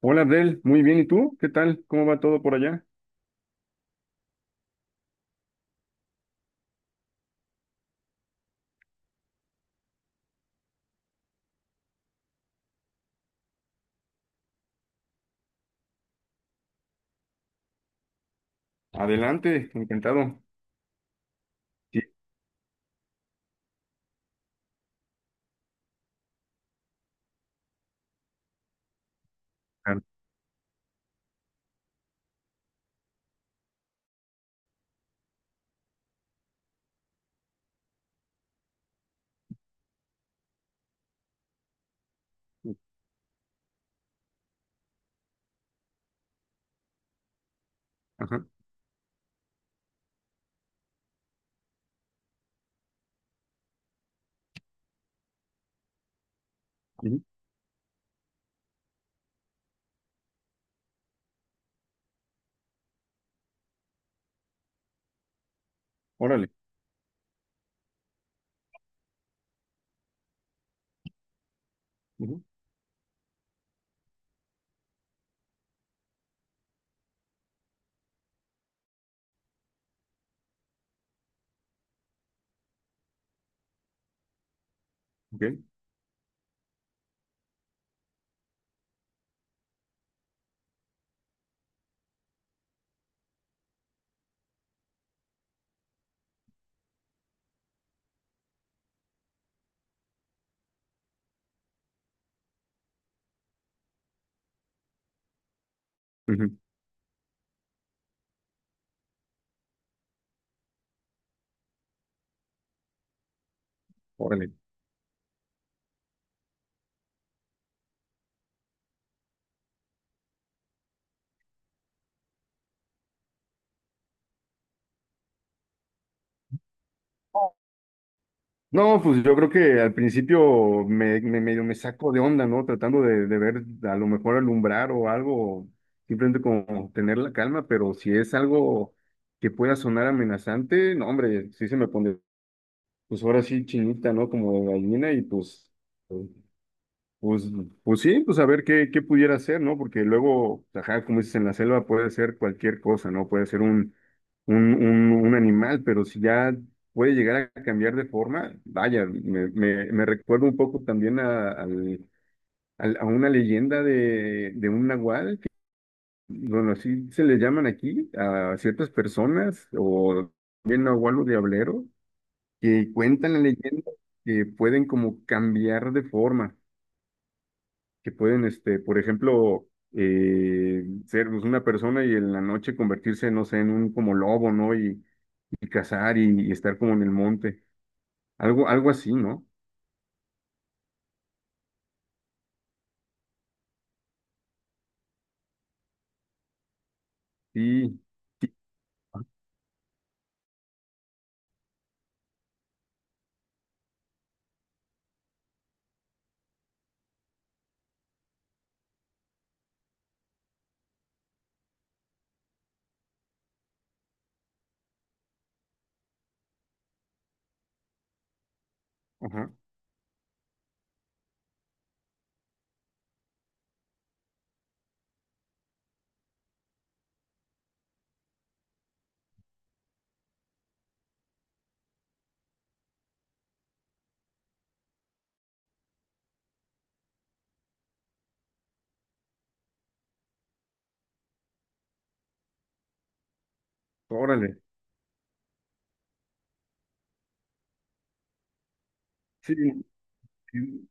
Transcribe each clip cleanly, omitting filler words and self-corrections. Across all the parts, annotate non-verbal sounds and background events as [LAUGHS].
Hola Abdel, muy bien, ¿y tú? ¿Qué tal? ¿Cómo va todo por allá? Adelante, encantado. Sí, claro. Ajá. Ujú. Órale. Ujú. Ok. Ujú. Órale. No, pues yo creo que al principio medio me saco de onda, ¿no? Tratando de ver a lo mejor alumbrar o algo, simplemente como tener la calma, pero si es algo que pueda sonar amenazante, no, hombre, sí se me pone, pues ahora sí chinita, ¿no? Como de gallina y pues pues, pues sí, pues a ver qué pudiera hacer, ¿no? Porque luego, ajá, como dices, en la selva puede ser cualquier cosa, ¿no? Puede ser un animal, pero si ya puede llegar a cambiar de forma, vaya, me recuerda un poco también a, a una leyenda de un nahual, que, bueno, así se le llaman aquí a ciertas personas, o bien nahual o diablero, que cuentan la leyenda que pueden como cambiar de forma que pueden, este, por ejemplo, ser pues, una persona y en la noche convertirse, no sé, en un como lobo, ¿no? Y cazar y estar como en el monte. Algo así, ¿no? Sí, ajá, órale. Sí, sí,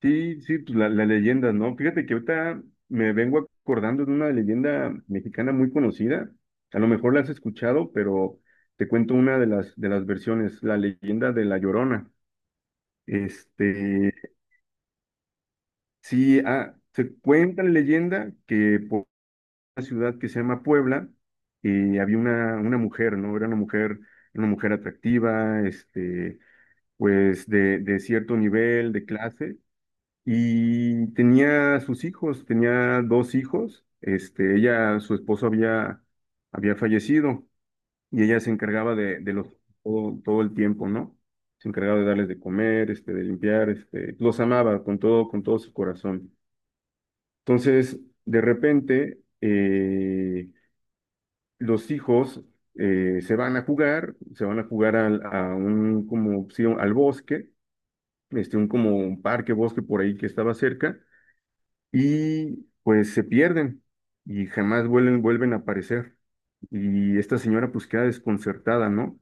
sí, sí, pues la leyenda, ¿no? Fíjate que ahorita me vengo acordando de una leyenda mexicana muy conocida. A lo mejor la has escuchado, pero te cuento una de las versiones, la leyenda de La Llorona. Este, sí, ah, se cuenta la leyenda que por una ciudad que se llama Puebla, había una mujer, ¿no? Era una mujer atractiva, este, pues de cierto nivel, de clase, y tenía sus hijos, tenía dos hijos, este, ella, su esposo había fallecido, y ella se encargaba de los, todo, todo el tiempo, ¿no? Se encargaba de darles de comer, este, de limpiar, este, los amaba con todo su corazón. Entonces, de repente, los hijos se van a jugar, se van a jugar al, a un, como, sí, al bosque, este, un, como un parque, bosque por ahí que estaba cerca, y pues se pierden y jamás vuelven a aparecer. Y esta señora pues queda desconcertada, ¿no?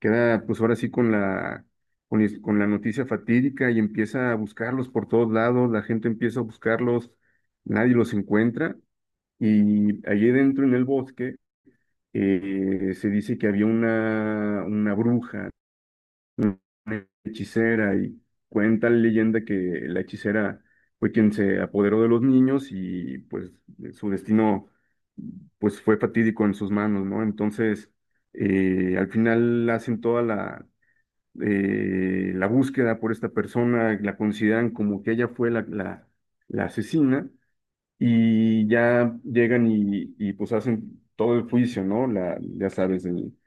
Queda pues ahora sí con la, con la noticia fatídica y empieza a buscarlos por todos lados, la gente empieza a buscarlos, nadie los encuentra y allí dentro en el bosque se dice que había una bruja, una hechicera, y cuenta la leyenda que la hechicera fue quien se apoderó de los niños y pues su destino pues fue fatídico en sus manos, ¿no? Entonces, al final hacen toda la, la búsqueda por esta persona, la consideran como que ella fue la asesina y ya llegan y, pues hacen todo el juicio, ¿no? La, ya sabes,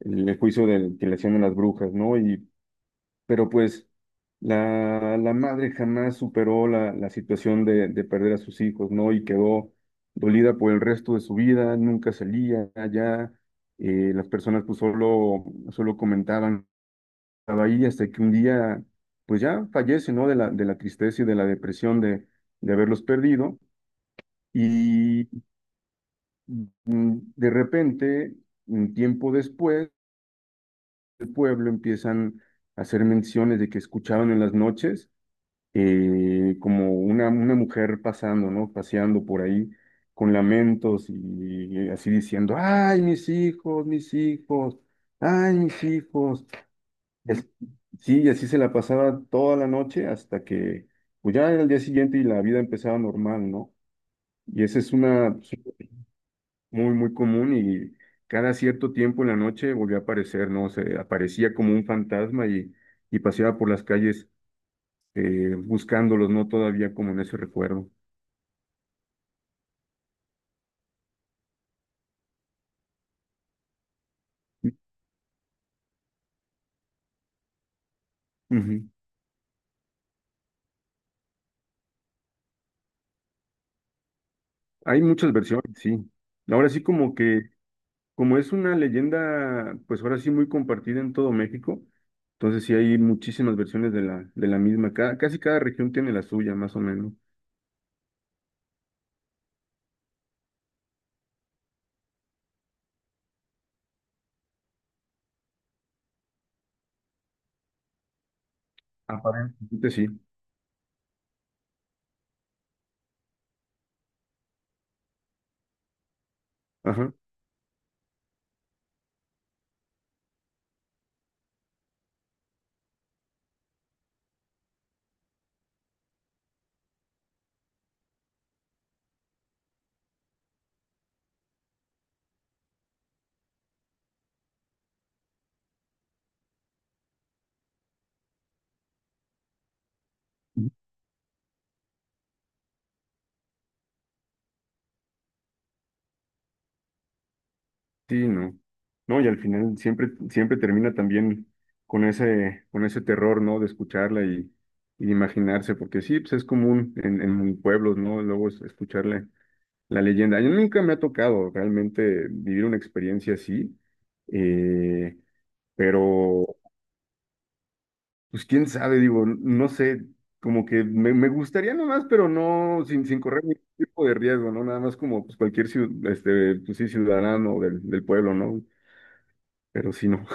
el juicio de que le hacían a las brujas, ¿no? Y, pero pues la madre jamás superó la situación de perder a sus hijos, ¿no? Y quedó dolida por el resto de su vida, nunca salía allá, las personas pues solo comentaban, estaba ahí hasta que un día, pues ya fallece, ¿no? De la tristeza y de la depresión de haberlos perdido. Mm. De repente, un tiempo después, el pueblo empiezan a hacer menciones de que escuchaban en las noches como una mujer pasando, ¿no? Paseando por ahí con lamentos y, así diciendo, ay, mis hijos, ay, mis hijos. Es- sí, y así se la pasaba toda la noche hasta que, pues ya era el día siguiente y la vida empezaba normal, ¿no? Y esa es una, muy común y cada cierto tiempo en la noche volvía a aparecer, ¿no? Se aparecía como un fantasma y paseaba por las calles buscándolos, ¿no? Todavía como en ese recuerdo. Ujú. Hay muchas versiones, sí. Ahora sí como que, como es una leyenda, pues ahora sí muy compartida en todo México, entonces sí hay muchísimas versiones de la misma. Cada, casi cada región tiene la suya, más o menos. Aparentemente sí. Ajá. Sí, no. No, y al final siempre, siempre termina también con ese terror, ¿no? De escucharla y de imaginarse, porque sí, pues es común en pueblos, ¿no? Luego escucharle la leyenda. Yo nunca me ha tocado realmente vivir una experiencia así, eh, pero pues quién sabe, digo, no sé, como que me gustaría nomás, pero no, sin correr ningún tipo de riesgo, ¿no? Nada más como pues, cualquier este, pues, sí, ciudadano del pueblo, ¿no? Pero sí, no.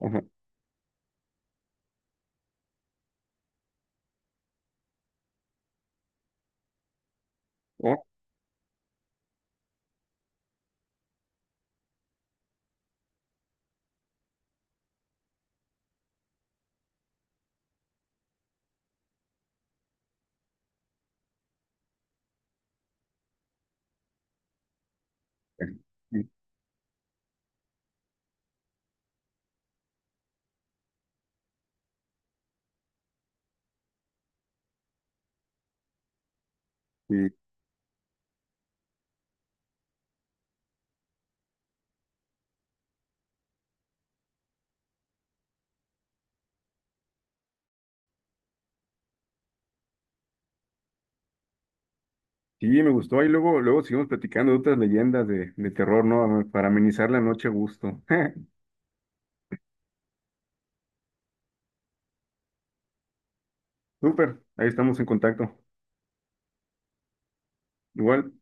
[LAUGHS] Oh, eh, eh, sí, me gustó. Ahí luego, luego seguimos platicando de otras leyendas de terror, ¿no? Para amenizar la noche a gusto. [LAUGHS] Súper, ahí estamos en contacto. Igual.